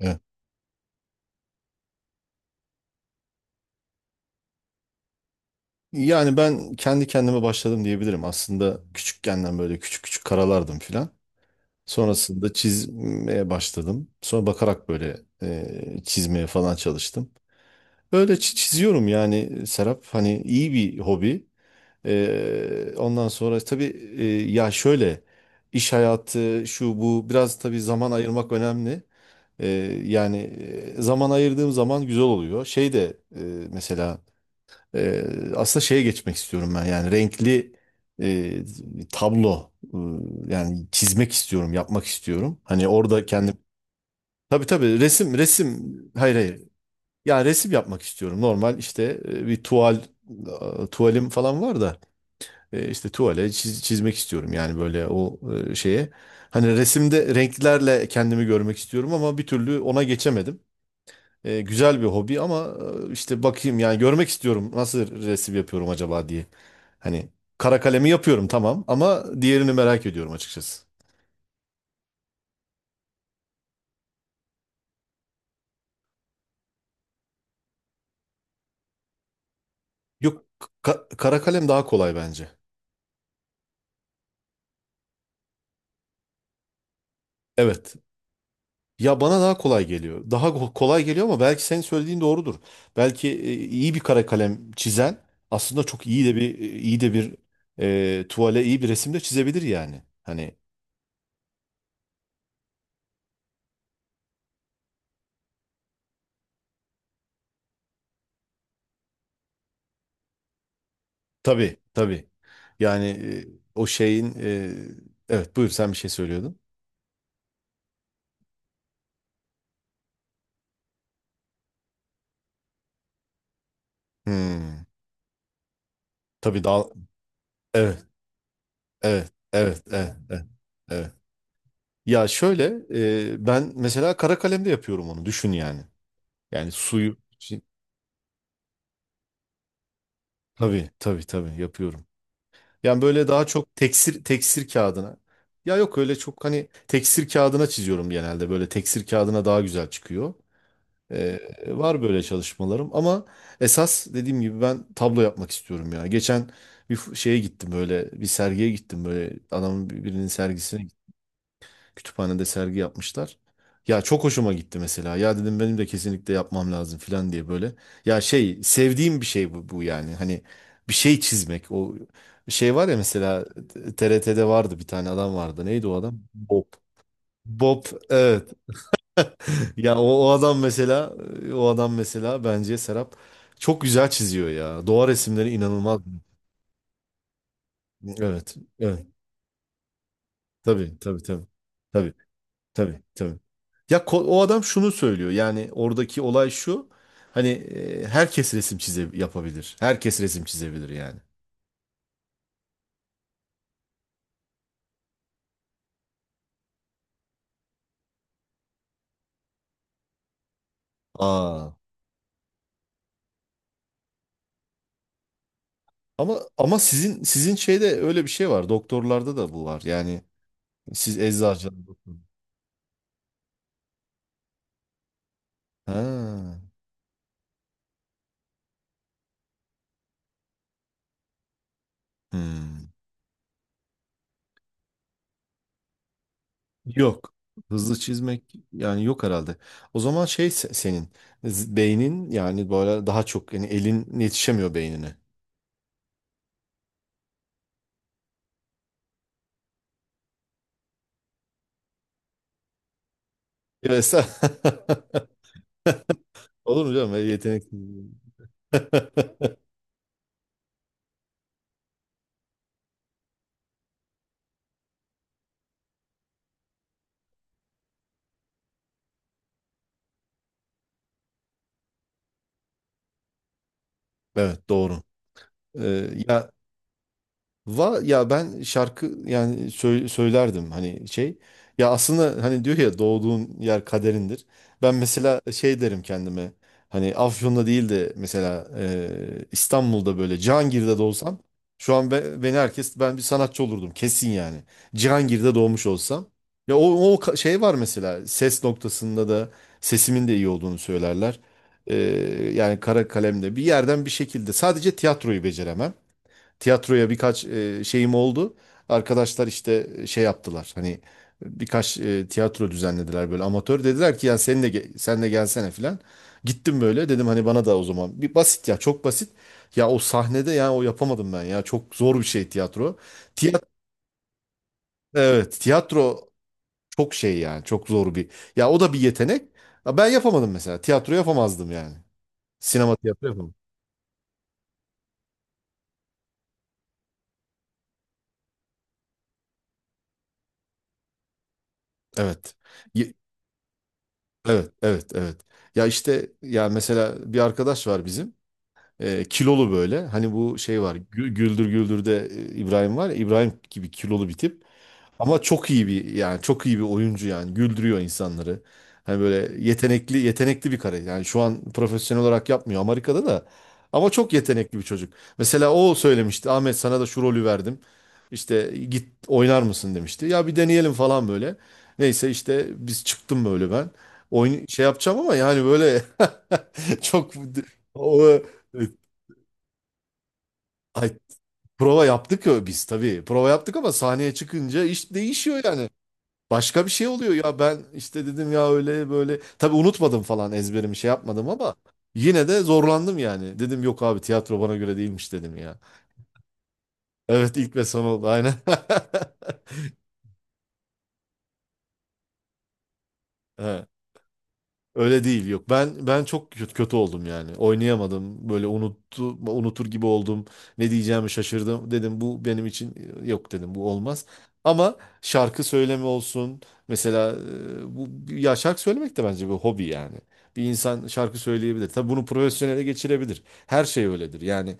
Evet. Yani ben kendi kendime başladım diyebilirim. Aslında küçükkenden böyle küçük küçük karalardım filan. Sonrasında çizmeye başladım. Sonra bakarak böyle çizmeye falan çalıştım. Öyle çiziyorum yani Serap. Hani iyi bir hobi. Ondan sonra tabii, e, ya şöyle, iş hayatı şu bu, biraz tabii zaman ayırmak önemli. E, yani, zaman ayırdığım zaman güzel oluyor. Şey de mesela, Ee, aslında şeye geçmek istiyorum ben, yani renkli e, tablo, yani çizmek istiyorum, yapmak istiyorum, hani orada kendim, tabii tabii, resim resim, hayır hayır, ya resim yapmak istiyorum normal, işte bir tuval, tuvalim falan var da, işte tuvale çizmek istiyorum yani, böyle o şeye, hani resimde renklerle kendimi görmek istiyorum ama bir türlü ona geçemedim. Güzel bir hobi ama, işte bakayım yani, görmek istiyorum nasıl resim yapıyorum acaba diye. Hani kara kalemi yapıyorum tamam ama diğerini merak ediyorum açıkçası. Yok, kara kalem daha kolay bence. Evet. Ya bana daha kolay geliyor. Daha kolay geliyor ama belki senin söylediğin doğrudur. Belki iyi bir kara kalem çizen aslında çok iyi de bir, tuvale iyi bir resim de çizebilir yani. Hani, tabii tabii. Yani o şeyin, evet, buyur, sen bir şey söylüyordun. Hmm. Tabii, daha, evet, evet, evet, evet, evet. Evet. Ya şöyle ben mesela kara kalemde yapıyorum onu düşün yani. Yani suyu şi- tabii tabii tabii yapıyorum. Yani böyle daha çok teksir, teksir kağıdına. Ya yok, öyle çok hani teksir kağıdına çiziyorum, genelde böyle teksir kağıdına daha güzel çıkıyor. E, var böyle çalışmalarım ama esas dediğim gibi ben tablo yapmak istiyorum ya. Geçen bir sergiye gittim, böyle adamın birinin sergisine. Kütüphanede sergi yapmışlar. Ya çok hoşuma gitti mesela. Ya dedim, benim de kesinlikle yapmam lazım falan diye böyle. Ya şey, sevdiğim bir şey bu yani. Hani bir şey çizmek. O şey var ya, mesela TRT'de vardı bir tane adam vardı. Neydi o adam? Bob. Bob, evet. Ya o adam mesela, bence Serap çok güzel çiziyor ya. Doğa resimleri inanılmaz. Evet. Evet. Tabii tabii tabii. Tabii. Tabii tabii. Ya o adam şunu söylüyor yani, oradaki olay şu. Hani herkes resim yapabilir. Herkes resim çizebilir yani. Aa. Ama sizin şeyde öyle bir şey var. Doktorlarda da bu var. Yani, siz eczacı, doktor. Ha. Hmm. Yok. Hızlı çizmek yani yok herhalde. O zaman şey, senin beynin yani, böyle daha çok yani, elin yetişemiyor beynine. Evet. Olur mu canım? Yetenek. Evet, doğru. Ya, ya ben şarkı yani söylerdim hani şey. Ya aslında, hani diyor ya, doğduğun yer kaderindir. Ben mesela şey derim kendime. Hani Afyon'da değil de mesela İstanbul'da böyle Cihangir'de doğsam, şu an beni herkes, ben bir sanatçı olurdum kesin yani. Cihangir'de doğmuş olsam. Ya o şey var mesela, ses noktasında da sesimin de iyi olduğunu söylerler. E, yani, kara kalemde bir yerden bir şekilde, sadece tiyatroyu beceremem, tiyatroya birkaç şeyim oldu. Arkadaşlar işte şey yaptılar. Hani birkaç tiyatro düzenlediler böyle amatör. Dediler ki, ya sen de sen de gelsene filan. Gittim, böyle dedim hani, bana da o zaman bir basit, ya çok basit. Ya o sahnede, ya o, yapamadım ben, ya çok zor bir şey tiyatro. Tiyat evet, tiyatro çok şey yani, çok zor bir. Ya o da bir yetenek. Ya, ben yapamadım mesela. Tiyatro yapamazdım yani. Sinema, tiyatro yapamam. Evet. Evet, evet, evet. Ya işte, ya mesela bir arkadaş var bizim. Kilolu böyle. Hani bu şey var. Güldür Güldür'de İbrahim var ya. İbrahim gibi kilolu bir tip. Ama çok iyi bir yani, çok iyi bir oyuncu yani, güldürüyor insanları. Hani böyle yetenekli yetenekli bir kare. Yani şu an profesyonel olarak yapmıyor, Amerika'da da. Ama çok yetenekli bir çocuk. Mesela o söylemişti, Ahmet, sana da şu rolü verdim. İşte, git oynar mısın demişti. Ya bir deneyelim falan böyle. Neyse, işte biz çıktım böyle ben. Oyun şey yapacağım ama yani böyle çok, o, evet, ay, prova yaptık ya biz tabii. Prova yaptık ama sahneye çıkınca iş değişiyor yani. Başka bir şey oluyor ya, ben işte dedim ya, öyle böyle tabii, unutmadım falan, ezberimi şey yapmadım ama yine de zorlandım yani. Dedim yok abi, tiyatro bana göre değilmiş dedim ya. Evet, ilk ve son oldu aynen. Evet. Öyle değil, yok. Ben çok kötü, kötü oldum yani. Oynayamadım. Böyle unutur gibi oldum. Ne diyeceğimi şaşırdım. Dedim, bu benim için yok, dedim, bu olmaz. Ama şarkı söyleme olsun. Mesela bu, ya, şarkı söylemek de bence bir hobi yani. Bir insan şarkı söyleyebilir. Tabii bunu profesyonele geçirebilir. Her şey öyledir. Yani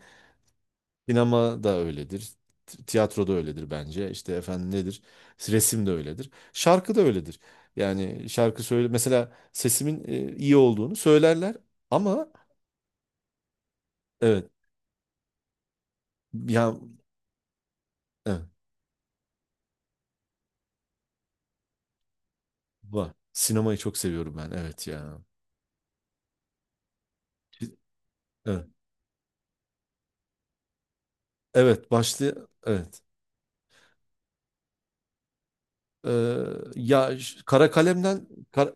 sinema da öyledir. Tiyatro da öyledir bence. İşte efendim nedir? Resim de öyledir. Şarkı da öyledir. Yani şarkı söyle mesela, sesimin iyi olduğunu söylerler ama, evet ya, evet, var. Sinemayı çok seviyorum ben. Evet ya. Evet. Evet, başlı, evet. Ee, ya, kara kalemden,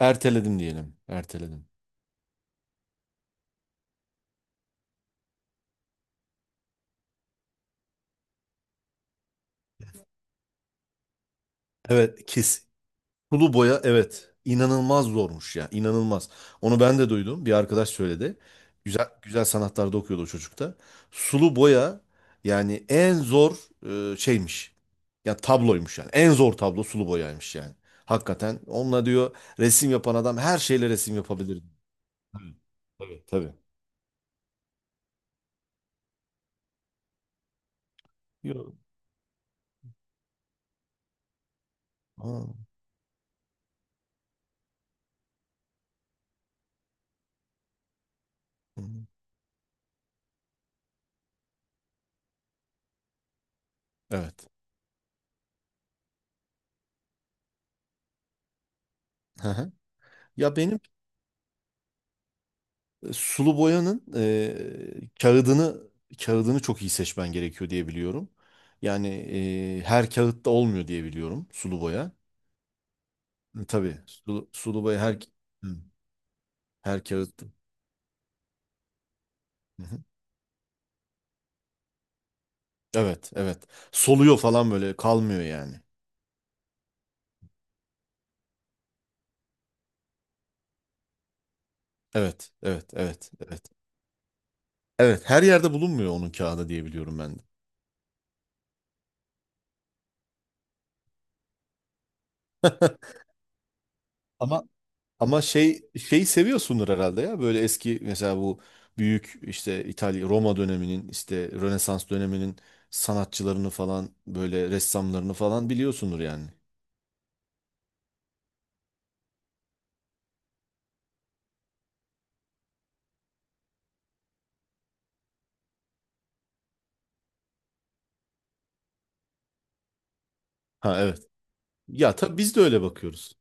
erteledim diyelim. Erteledim. Evet, sulu boya evet, inanılmaz zormuş ya, inanılmaz. Onu ben de duydum, bir arkadaş söyledi. Güzel güzel sanatlarda okuyordu o çocuk da. Sulu boya yani en zor şeymiş. Ya tabloymuş yani. En zor tablo sulu boyaymış yani. Hakikaten onunla diyor, resim yapan adam her şeyle resim yapabilir. Tabii. Tabii. Tabii. Yo. Aa. Hı. Evet. Hı hı. Ya benim, sulu boyanın kağıdını çok iyi seçmen gerekiyor diye biliyorum. Yani her kağıtta olmuyor diye biliyorum sulu boya. Hı, Tabii, sulu boya her, hı, her kağıtta. Hı hı. Evet, evet. Soluyor falan böyle, kalmıyor yani. Evet, evet, evet, evet. Evet, her yerde bulunmuyor onun kağıdı diye biliyorum ben de. Ama, şeyi seviyorsundur herhalde ya. Böyle eski mesela, bu büyük işte İtalya, Roma döneminin, işte Rönesans döneminin sanatçılarını falan, böyle ressamlarını falan biliyorsundur yani. Ha, evet. Ya tabii biz de öyle bakıyoruz.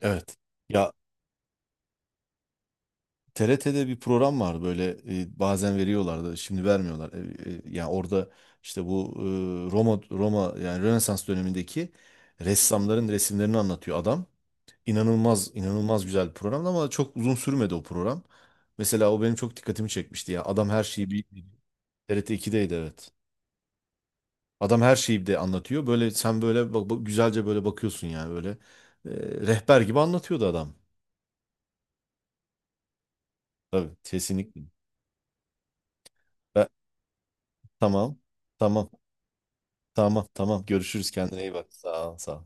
Evet. Ya TRT'de bir program var böyle, bazen veriyorlardı, şimdi vermiyorlar. Yani orada işte bu Roma yani Rönesans dönemindeki ressamların resimlerini anlatıyor adam. İnanılmaz inanılmaz güzel bir programdı ama çok uzun sürmedi o program. Mesela o benim çok dikkatimi çekmişti ya. Adam her şeyi bir TRT 2'deydi evet. Adam her şeyi bir de anlatıyor. Böyle sen böyle bak, güzelce böyle bakıyorsun yani, böyle rehber gibi anlatıyordu adam. Tabii, kesinlikle. Ben- tamam. Tamam. Tamam. Tamam. Görüşürüz. Kendine iyi bak. Sağ ol. Sağ ol.